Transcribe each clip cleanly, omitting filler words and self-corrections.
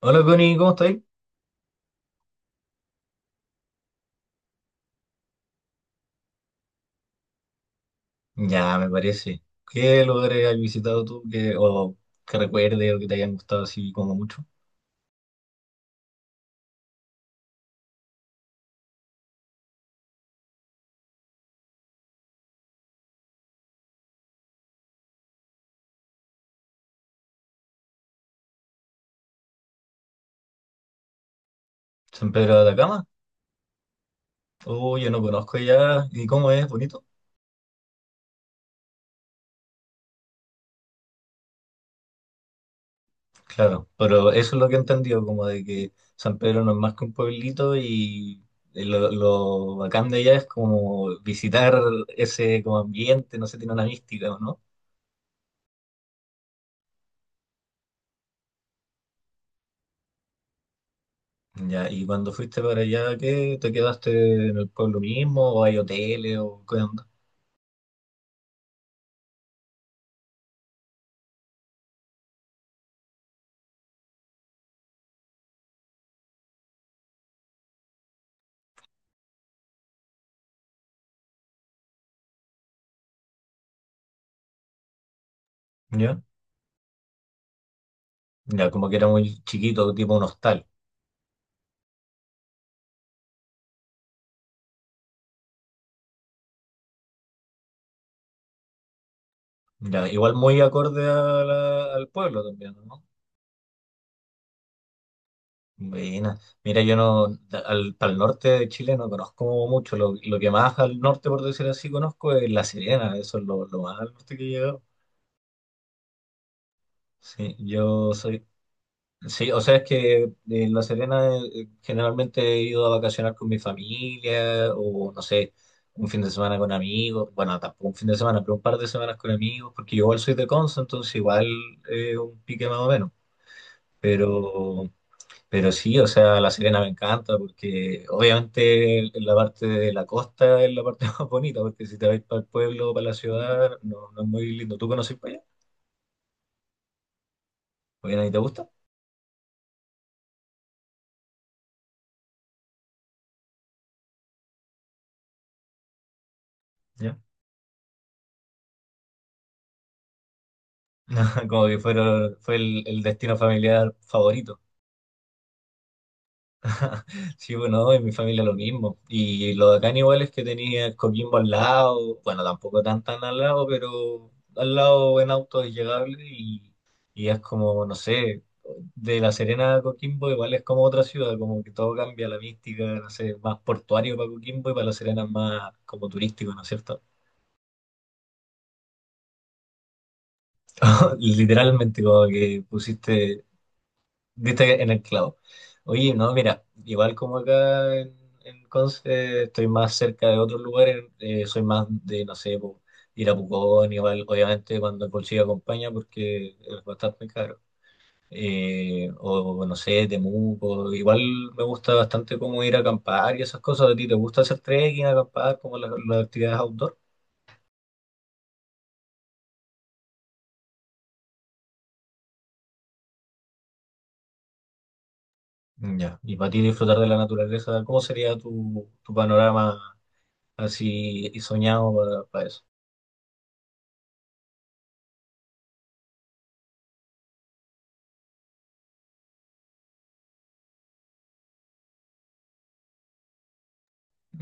Hola Connie, ¿cómo estáis? Ya, me parece. ¿Qué lugares has visitado tú que, o que recuerde o que te hayan gustado así como mucho? ¿San Pedro de Atacama? Oh, yo no conozco ya. ¿Y cómo es? ¿Bonito? Claro, pero eso es lo que he entendido, como de que San Pedro no es más que un pueblito y lo bacán de allá es como visitar ese como ambiente, no sé, tiene una mística, ¿o no? Ya, y cuando fuiste para allá, ¿qué? ¿Te quedaste en el pueblo mismo o hay hoteles o qué onda? Ya. Ya, como que era muy chiquito, tipo un hostal. Ya, igual muy acorde a al pueblo también, ¿no? Buena. Mira, yo no, al norte de Chile no conozco mucho. Lo que más al norte, por decir así, conozco es La Serena. Eso es lo más al norte que he llegado. Sí, yo soy. Sí, o sea, es que en La Serena generalmente he ido a vacacionar con mi familia o no sé, un fin de semana con amigos, bueno, tampoco un fin de semana, pero un par de semanas con amigos, porque yo igual soy de Conce, entonces igual un pique más o menos. Pero, pero sí, o sea, La Serena me encanta porque obviamente la parte de la costa es la parte más bonita, porque si te vas para el pueblo o para la ciudad, no, no es muy lindo. ¿Tú conoces para allá? ¿O bien ahí te gusta? Ya. Como que fueron, fue el destino familiar favorito. Sí, bueno, no, en mi familia lo mismo. Y lo de acá igual es que tenía Coquimbo al lado, bueno, tampoco tan tan al lado, pero al lado en auto es llegable y es como, no sé, de La Serena a Coquimbo igual es como otra ciudad, como que todo cambia, la mística, no sé, más portuario para Coquimbo y para La Serena es más como turístico, ¿no es cierto? Literalmente como que pusiste. Diste en el clavo. Oye, no, mira, igual como en Conce, estoy más cerca de otros lugares, soy más de, no sé, po, ir a Pucón, igual, obviamente cuando el bolsillo acompaña, porque es bastante caro. O no sé, Temuco, igual me gusta bastante como ir a acampar y esas cosas. ¿A ti te gusta hacer trekking, acampar, como las actividades outdoor? Ya. Y para ti disfrutar de la naturaleza, ¿cómo sería tu panorama así y soñado para eso?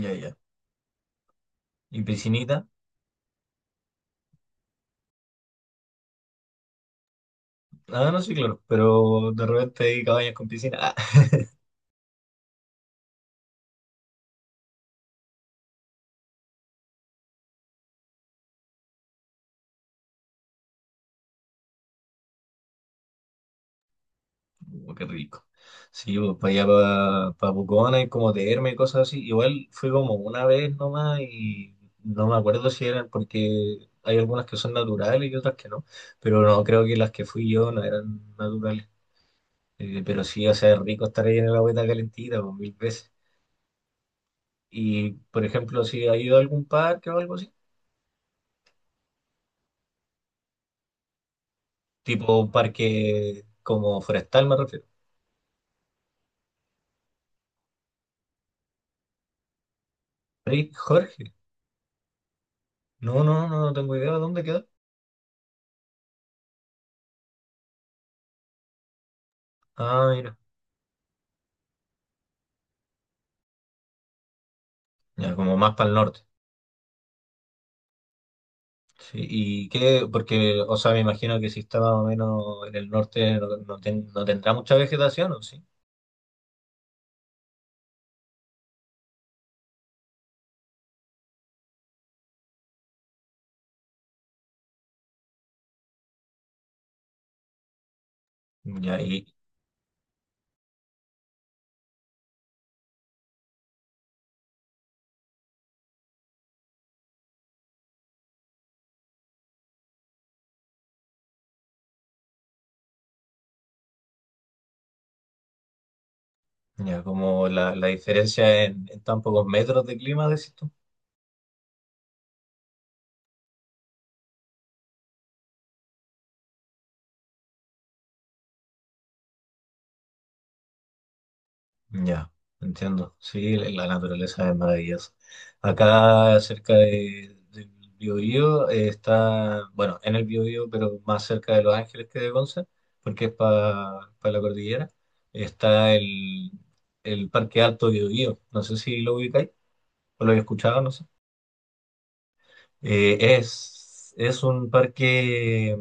Ya, ya. Y piscinita. Ah, no, sí, claro. Pero de repente hay cabañas con piscina. Ah, qué rico. Sí, pues para allá, para Pucón, hay como termas y cosas así. Igual fui como una vez nomás y no me acuerdo si eran porque hay algunas que son naturales y otras que no. Pero no, creo que las que fui yo no eran naturales. Pero sí, o sea, es rico estar ahí en la agüita calentita, pues mil veces. Y, por ejemplo, si ha ido a algún parque o algo así, tipo parque como forestal, me refiero. Pri- Jorge. No, no, no, no tengo idea de dónde queda. Ah, mira. Ya, como más para el norte. Sí, y qué, porque, o sea, me imagino que si está más o menos en el norte no, no tendrá mucha vegetación, ¿o sí? Ya, y ya, como la diferencia en tan pocos metros de clima, decís tú. Ya, entiendo. Sí, la la naturaleza es maravillosa. Acá cerca del Biobío está, bueno, en el Biobío, pero más cerca de Los Ángeles que de Conce, porque es para la cordillera, está el Parque Alto Biobío. No sé si lo ubicáis o lo habéis escuchado, no sé. Es un parque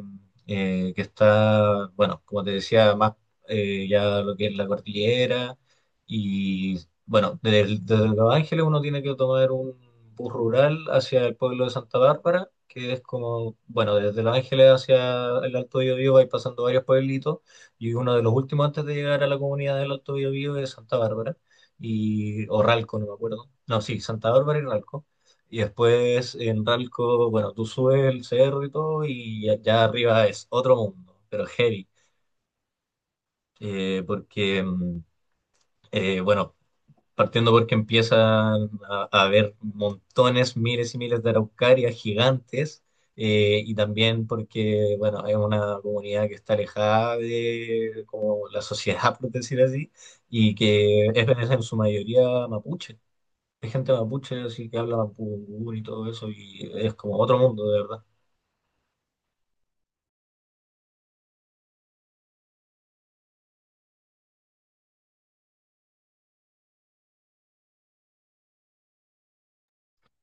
que está, bueno, como te decía, más ya lo que es la cordillera y, bueno, desde Los Ángeles uno tiene que tomar un bus rural hacia el pueblo de Santa Bárbara, que es como, bueno, desde Los Ángeles hacia el Alto Biobío vais pasando varios pueblitos y uno de los últimos antes de llegar a la comunidad del Alto Biobío es Santa Bárbara y, o Ralco, no me acuerdo. No, sí, Santa Bárbara y Ralco. Y después en Ralco, bueno, tú subes el cerro y todo, y allá arriba es otro mundo, pero heavy. Eh, porque, mm, bueno, partiendo porque empiezan a haber montones, miles y miles de araucarias gigantes, y también porque, bueno, es una comunidad que está alejada de como la sociedad, por decir así, y que es en su mayoría mapuche. Hay gente mapuche, así que habla mapudungún y todo eso, y es como otro mundo, de verdad.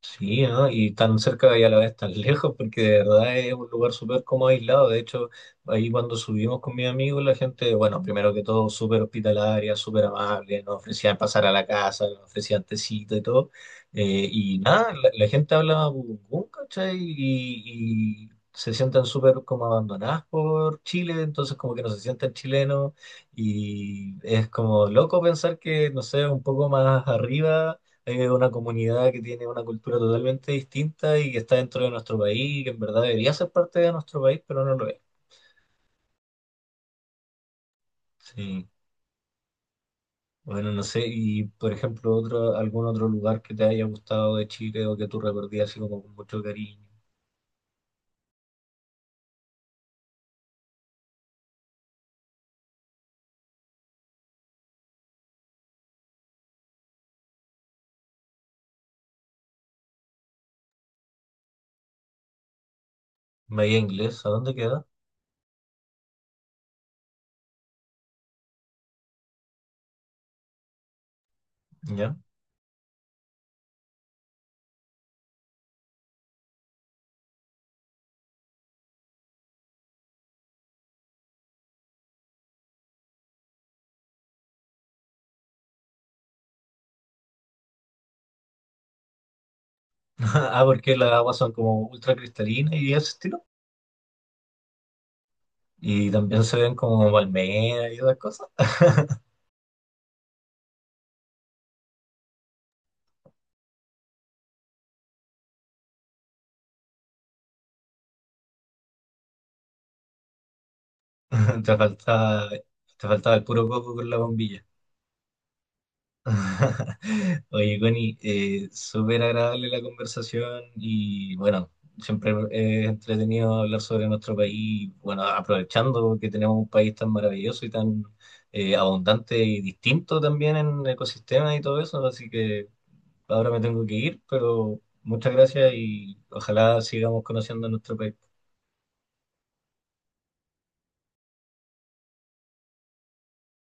Sí, ¿no? Y tan cerca y a la vez tan lejos, porque de verdad es un lugar súper como aislado. De hecho, ahí cuando subimos con mis amigos, la gente, bueno, primero que todo, súper hospitalaria, súper amable, nos ofrecían pasar a la casa, nos ofrecían tecito y todo. Y nada, la gente habla burungún, ¿cachai? Y se sienten súper como abandonadas por Chile, entonces como que no se sienten chilenos. Y es como loco pensar que, no sé, un poco más arriba es una comunidad que tiene una cultura totalmente distinta y que está dentro de nuestro país y que en verdad debería ser parte de nuestro país, pero no lo es. Sí. Bueno, no sé, y por ejemplo, otro, algún otro lugar que te haya gustado de Chile o que tú recordarías así como con mucho cariño. Bahía Inglesa, ¿a dónde queda? ¿Ya? Ah, porque las aguas son como ultra cristalinas y ese estilo. Y también se ven como palmeras y otras cosas. Te faltaba el puro coco con la bombilla. Oye, Connie, súper agradable la conversación y bueno, siempre es entretenido hablar sobre nuestro país, bueno, aprovechando que tenemos un país tan maravilloso y tan abundante y distinto también en ecosistemas y todo eso, así que ahora me tengo que ir, pero muchas gracias y ojalá sigamos conociendo nuestro país.